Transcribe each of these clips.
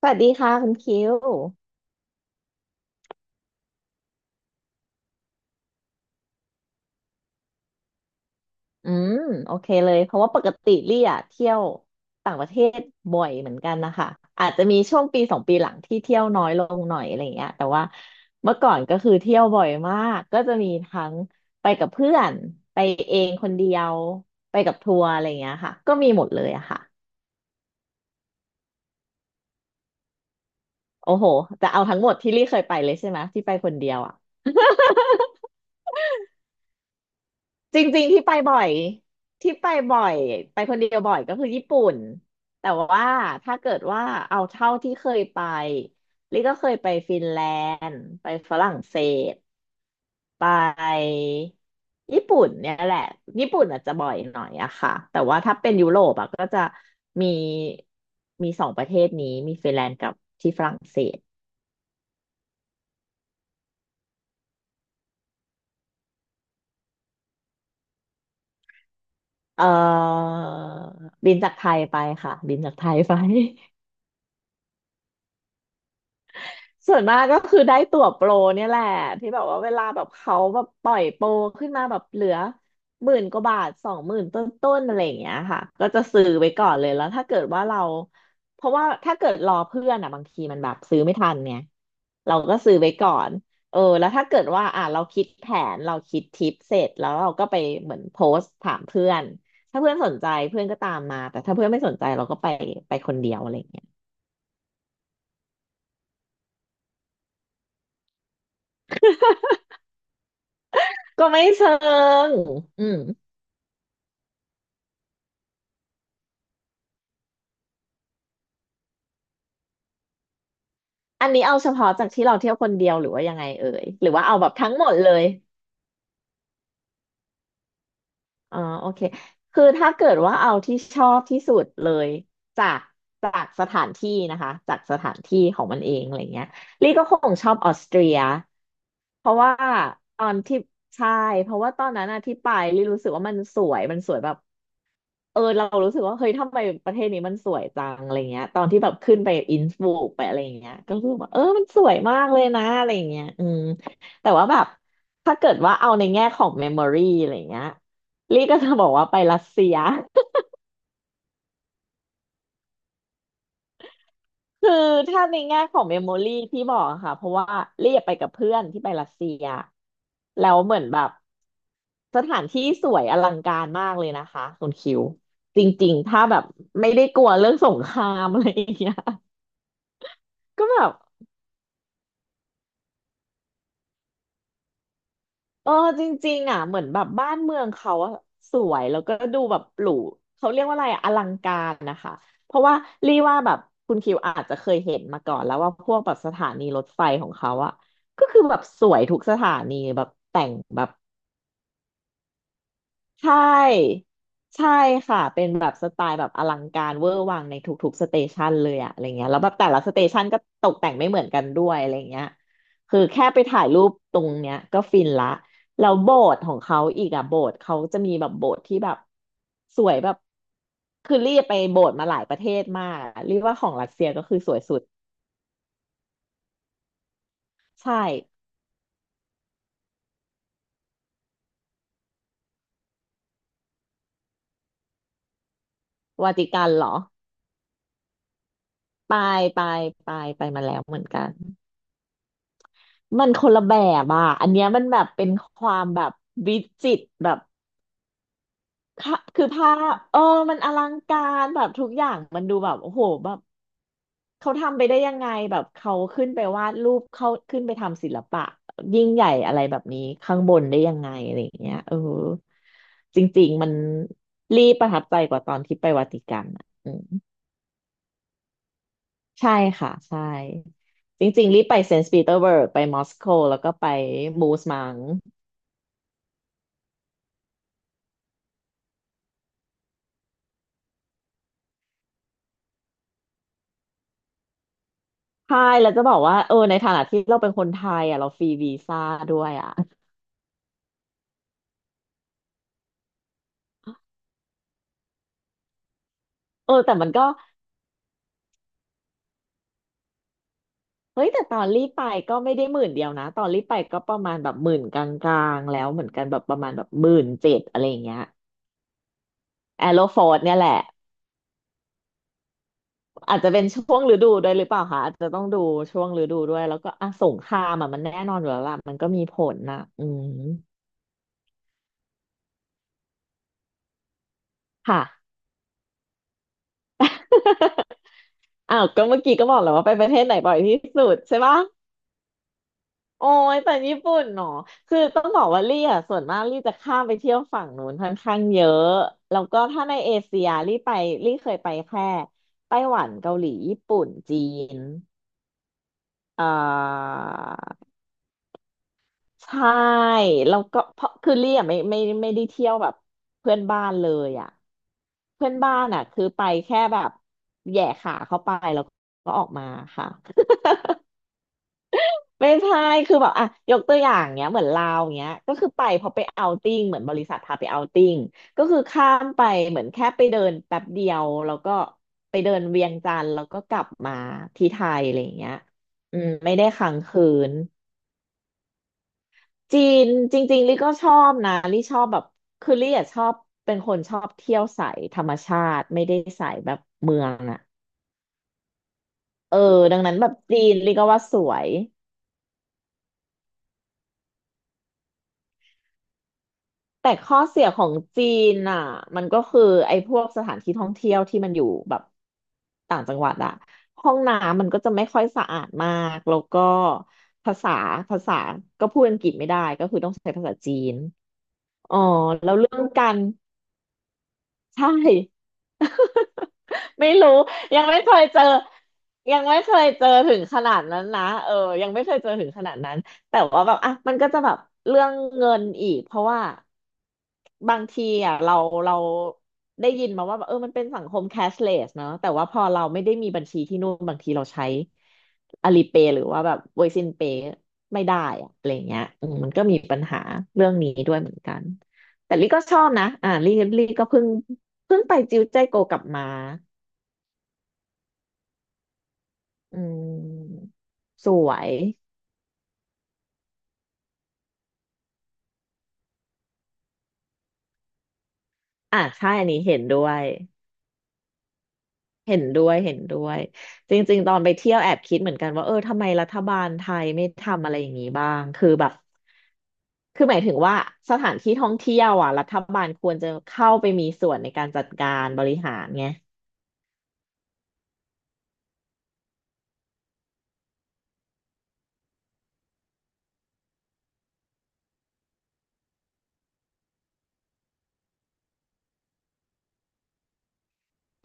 สวัสดีค่ะคุณคิวอืมโอเคเลยเพราะว่าปกติลี่อะเที่ยวต่างประเทศบ่อยเหมือนกันนะคะอาจจะมีช่วงปีสองปีหลังที่เที่ยวน้อยลงหน่อยอะไรเงี้ยแต่ว่าเมื่อก่อนก็คือเที่ยวบ่อยมากก็จะมีทั้งไปกับเพื่อนไปเองคนเดียวไปกับทัวร์อะไรเงี้ยค่ะก็มีหมดเลยอะค่ะโอ้โหจะเอาทั้งหมดที่ลี่เคยไปเลยใช่ไหมที่ไปคนเดียวอะ จริงๆที่ไปบ่อยไปคนเดียวบ่อยก็คือญี่ปุ่นแต่ว่าถ้าเกิดว่าเอาเท่าที่เคยไปลิก็เคยไปฟินแลนด์ไปฝรั่งเศสไปญี่ปุ่นเนี่ยแหละญี่ปุ่นอาจจะบ่อยหน่อยอะค่ะแต่ว่าถ้าเป็นยุโรปอะก็จะมีมีสองประเทศนี้มีฟินแลนด์กับที่ฝรั่งเศสเอ่อบินจากไทยไปค่ะบินจากไทยไป ส่วนมากก็คือได้ตั๋วโปรเนี่ยแหละที่แบบว่าเวลาแบบเขาแบบปล่อยโปรขึ้นมาแบบเหลือ10,000 กว่าบาท20,000 ต้นๆอะไรอย่างเงี้ยค่ะก็จะซื้อไว้ก่อนเลยแล้วถ้าเกิดว่าเราเพราะว่าถ้าเกิดรอเพื่อนอ่ะบางทีมันแบบซื้อไม่ทันเนี่ยเราก็ซื้อไว้ก่อนเออแล้วถ้าเกิดว่าอ่ะเราคิดแผนเราคิดทิปเสร็จแล้วเราก็ไปเหมือนโพสต์ถามเพื่อนถ้าเพื่อนสนใจเพื่อนก็ตามมาแต่ถ้าเพื่อนไม่สนใจเราก็ไปไปคนเดียวอะไรอย่างเงี้ยก็ไม่เชิงอืม อันนี้เอาเฉพาะจากที่เราเที่ยวคนเดียวหรือว่ายังไงเอ่ยหรือว่าเอาแบบทั้งหมดเลยอ๋อโอเคคือถ้าเกิดว่าเอาที่ชอบที่สุดเลยจากจากสถานที่นะคะจากสถานที่ของมันเองอะไรเงี้ยลี่ก็คงชอบออสเตรียเพราะว่าตอนที่ใช่เพราะว่าตอนนั้นอะที่ไปลี่รู้สึกว่ามันสวยมันสวยแบบ เออเรารู้สึกว่าเฮ้ยทำไมประเทศนี้มันสวยจังอะไรเงี้ยตอนที่แบบขึ้นไปอินสบกไปอะไรเงี้ยก็รู้สึกว่าเออมันสวยมากเลยนะอะไรเงี้ยแต่ว่าแบบถ้าเกิดว่าเอาในแง่ของเมมโมรีอะไรเงี้ยลี่ก็จะบอกว่าไปรัสเซีย คือถ้าในแง่ของเมมโมรี่ที่บอกอะค่ะเพราะว่าลี่ไปกับเพื่อนที่ไปรัสเซียแล้วเหมือนแบบสถานที่สวยอลังการมากเลยนะคะคุณคิวจริงๆถ้าแบบไม่ได้กลัวเรื่องสงครามอะไรอย่างเงี้ย ก็แบบเออจริงๆอ่ะเหมือนแบบบ้านเมืองเขาอะสวยแล้วก็ดูแบบหรูเขาเรียกว่าอะไรอะอลังการนะคะเพราะว่ารีว่าแบบคุณคิวอาจจะเคยเห็นมาก่อนแล้วว่าพวกแบบสถานีรถไฟของเขาอะก็คือแบบสวยทุกสถานีแบบแต่งแบบ ใช่ใช่ค่ะเป็นแบบสไตล์แบบอลังการเวอร์วังในทุกๆสเตชันเลยอะอะไรเงี้ยแล้วแบบแต่ละสเตชันก็ตกแต่งไม่เหมือนกันด้วยอะไรเงี้ยคือแค่ไปถ่ายรูปตรงเนี้ยก็ฟินละแล้วโบสถ์ของเขาอีกอะโบสถ์เขาจะมีแบบโบสถ์ที่แบบสวยแบบคือรีบไปโบสถ์มาหลายประเทศมากอะเรียกว่าของรัสเซียก็คือสวยสุดใช่วาติกันเหรอไปไปไปไปมาแล้วเหมือนกัน มันคนละแบบอ่ะอันเนี้ยมันแบบเป็นความแบบวิจิตรแบบค่ะคือภาพเออมันอลังการแบบทุกอย่างมันดูแบบโอ้โหแบบเขาทำไปได้ยังไงแบบเขาขึ้นไปวาดรูปเขาขึ้นไปทำศิลปะยิ่งใหญ่อะไรแบบนี้ข้างบนได้ยังไงอะไรอย่างเงี้ยเออจริงๆมันรีประทับใจกว่าตอนที่ไปวาติกันอ่ะอืมใช่ค่ะใช่จริงๆรีบไปเซนต์ปีเตอร์เบิร์กไปมอสโกแล้วก็ไปมูสมัง ใช่แล้วจะบอกว่าเออในฐานะที่เราเป็นคนไทยอ่ะเราฟรีวีซ่าด้วยอ่ะเออแต่มันก็เฮ้ยแต่ตอนรีบไปก็ไม่ได้หมื่นเดียวนะตอนรีบไปก็ประมาณแบบหมื่นกลางๆแล้วเหมือนกันแบบประมาณแบบ17,000อะไรอย่างเงี้ยแอโรฟอร์ดเนี่ยแหละอาจจะเป็นช่วงฤดูด้วยหรือเปล่าคะอาจจะต้องดูช่วงฤดูด้วยแล้วก็อ่ะสงครามอ่ะมันแน่นอนอยู่แล้วล่ะมันก็มีผลนะอืมค่ะ อ้าวก็เมื่อกี้ก็บอกแล้วว่าไปประเทศไหนบ่อยที่สุดใช่ปะ โอ้ยแต่ญี่ปุ่นเนาะคือต้องบอกว่าลี่อ่ะส่วนมากลี่จะข้ามไปเที่ยวฝั่งนู้นค่อนข้างเยอะแล้วก็ถ้าในเอเชียลี่ไปลี่เคยไปแค่ไต้หวันเกาหลีญี่ปุ่นจีนเอ่อใช่แล้วก็เพราะคือลี่อ่ะไม่ได้เที่ยวแบบเพื่อนบ้านเลยอ่ะเพื่อนบ้านอ่ะคือไปแค่แบบแหย่ขาเข้าไปแล้วก็ออกมาค่ะ ไม่ใช่คือแบบอ่ะยกตัวอย่างเงี้ยเหมือนลาวเงี้ยก็คือไปพอไปเอาท์ติ้งเหมือนบริษัทพาไปเอาท์ติ้งก็คือข้ามไปเหมือนแค่ไปเดินแป๊บเดียวแล้วก็ไปเดินเวียงจันทร์แล้วก็กลับมาที่ไทยอะไรอย่างเงี้ยไม่ได้ค้างคืนจีนจริงๆลี่ก็ชอบนะลี่ชอบแบบคือลี่อะชอบเป็นคนชอบเที่ยวสายธรรมชาติไม่ได้สายแบบเมืองอะเออดังนั้นแบบจีนลี่ก็ว่าสวย แต่ข้อเสียของจีนอ่ะมันก็คือไอ้พวกสถานที่ท่องเที่ยวที่มันอยู่แบบต่างจังหวัดอ่ะห้องน้ำมันก็จะไม่ค่อยสะอาดมากแล้วก็ภาษาภาษาก็พูดอังกฤษไม่ได้ก็คือต้องใช้ภาษาจีนอ๋อแล้วเรื่องการ ใช่ ไม่รู้ยังไม่เคยเจอยังไม่เคยเจอถึงขนาดนั้นนะเออยังไม่เคยเจอถึงขนาดนั้นแต่ว่าแบบอ่ะมันก็จะแบบเรื่องเงินอีกเพราะว่าบางทีอ่ะเราได้ยินมาว่าแบบเออมันเป็นสังคมแคชเลสเนาะแต่ว่าพอเราไม่ได้มีบัญชีที่นู่นบางทีเราใช้อ l ลีเป y หรือว่าแบบเวซินเป y ไม่ได้อะอะไรเงี้ยอืมมันก็มีปัญหาเรื่องนี้ด้วยเหมือนกันแต่ลี่ก็ชอบนะอ่าลี่ลี่ก็เพิ่งไปจิวใจโกกลับมา อืมสวยอ่ะใช่อันนี้เห็นด้วยเห็นด้วยเห็นด้วยจริงๆตอนไปเที่ยวแอบคิดเหมือนกันว่าเออทำไมรัฐบาลไทยไม่ทำอะไรอย่างนี้บ้างคือแบบคือหมายถึงว่าสถานที่ท่องเที่ยวอ่ะรัฐบาลควรจะเข้าไปมีส่วนในการจัดการบริหารไง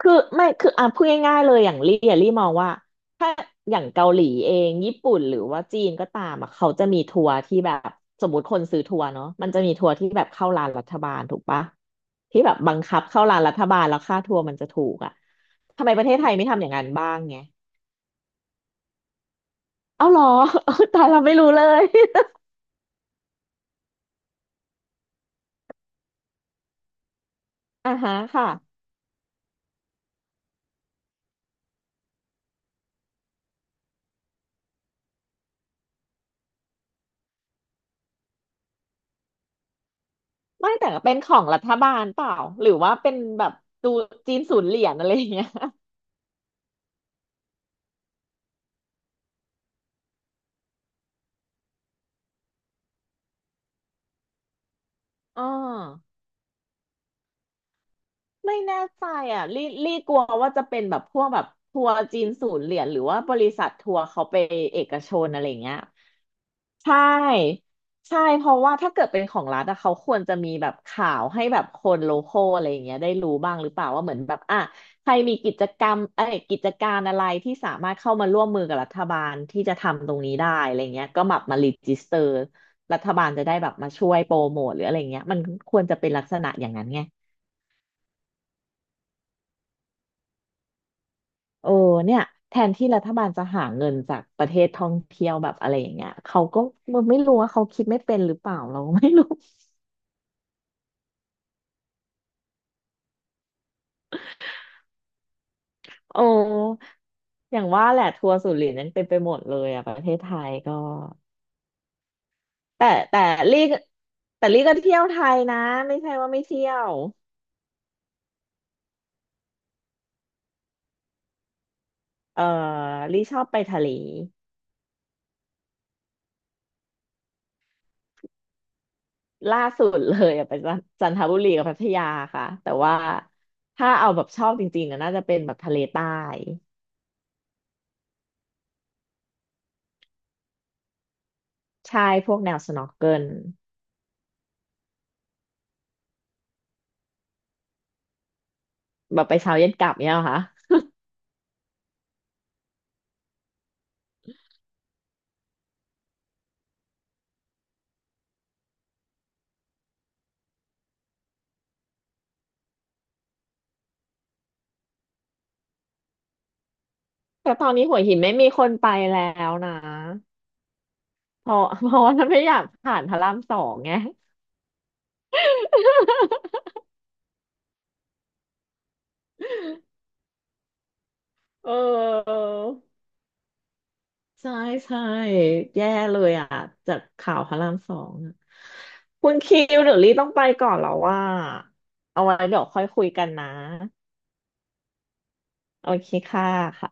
คือไม่คืออ่ะพูดง่ายๆเลยอย่างลี่อะลี่มองว่าถ้าอย่างเกาหลีเองญี่ปุ่นหรือว่าจีนก็ตามอ่ะเขาจะมีทัวร์ที่แบบสมมติคนซื้อทัวร์เนาะมันจะมีทัวร์ที่แบบเข้าร้านรัฐบาลถูกปะที่แบบบังคับเข้าร้านรัฐบาลแล้วค่าทัวร์มันจะถูกอ่ะทำไมประเทศไทยไม่ทำอย่างนั้นบ้างไงเอ้าเหรอ ตายเราไม่รู้เลย อ่าฮะค่ะไม่แต่เป็นของรัฐบาลเปล่าหรือว่าเป็นแบบดูจีนศูนย์เหรียญอะไรอย่างเงี้ย อ๋อ ไม่แน่ใจอ่ะลี่กลัวว่าจะเป็นแบบพวกแบบทัวร์จีนศูนย์เหรียญหรือว่าบริษัททัวร์เขาไปเอกชนอะไรเงี้ยใช่ใช่เพราะว่าถ้าเกิดเป็นของรัฐอะเขาควรจะมีแบบข่าวให้แบบคนโลคอลอะไรอย่างเงี้ยได้รู้บ้างหรือเปล่าว่าเหมือนแบบอ่ะใครมีกิจกรรมเอ้ยกิจการอะไรที่สามารถเข้ามาร่วมมือกับรัฐบาลที่จะทำตรงนี้ได้อะไรเงี้ยก็แบบมารีจิสเตอร์รัฐบาลจะได้แบบมาช่วยโปรโมทหรืออะไรเงี้ยมันควรจะเป็นลักษณะอย่างนั้นไง เออเนี่ยแทนที่รัฐบาลจะหาเงินจากประเทศท่องเที่ยวแบบอะไรอย่างเงี้ยเขาก็มไม่รู้ว่าเขาคิดไม่เป็นหรือเปล่าเราก็ไม่รู้ โอ้อย่างว่าแหละทัวร์สุรินทร์นั้นเป็นไปหมดเลยอ่ะประเทศไทยก็แต่แต่ลี่ก็แต่ลี่ก็เที่ยวไทยนะไม่ใช่ว่าไม่เที่ยวเออลี่ชอบไปทะเลล่าสุดเลยอะไปจันจันทบุรีกับพัทยาค่ะแต่ว่าถ้าเอาแบบชอบจริงๆอะน่าจะเป็นแบบทะเลใต้ใช่พวกแนวสน็อกเกิล แบบไปเช้าเย็นกลับเนี่ยเหรอคะแต่ตอนนี้หัวหินไม่มีคนไปแล้วนะ เพราะว่าไม่อยากผ่านพระรามสองไงเออ ใช่ใช่แย่เลยอ่ะจากข่าวพระรามสองอะคุณคิวเดี๋ยวลี่ต้องไปก่อนแล้วว่า เอาไว้เดี๋ยวค่อยคุยกันนะ โอเคค่ะค่ะ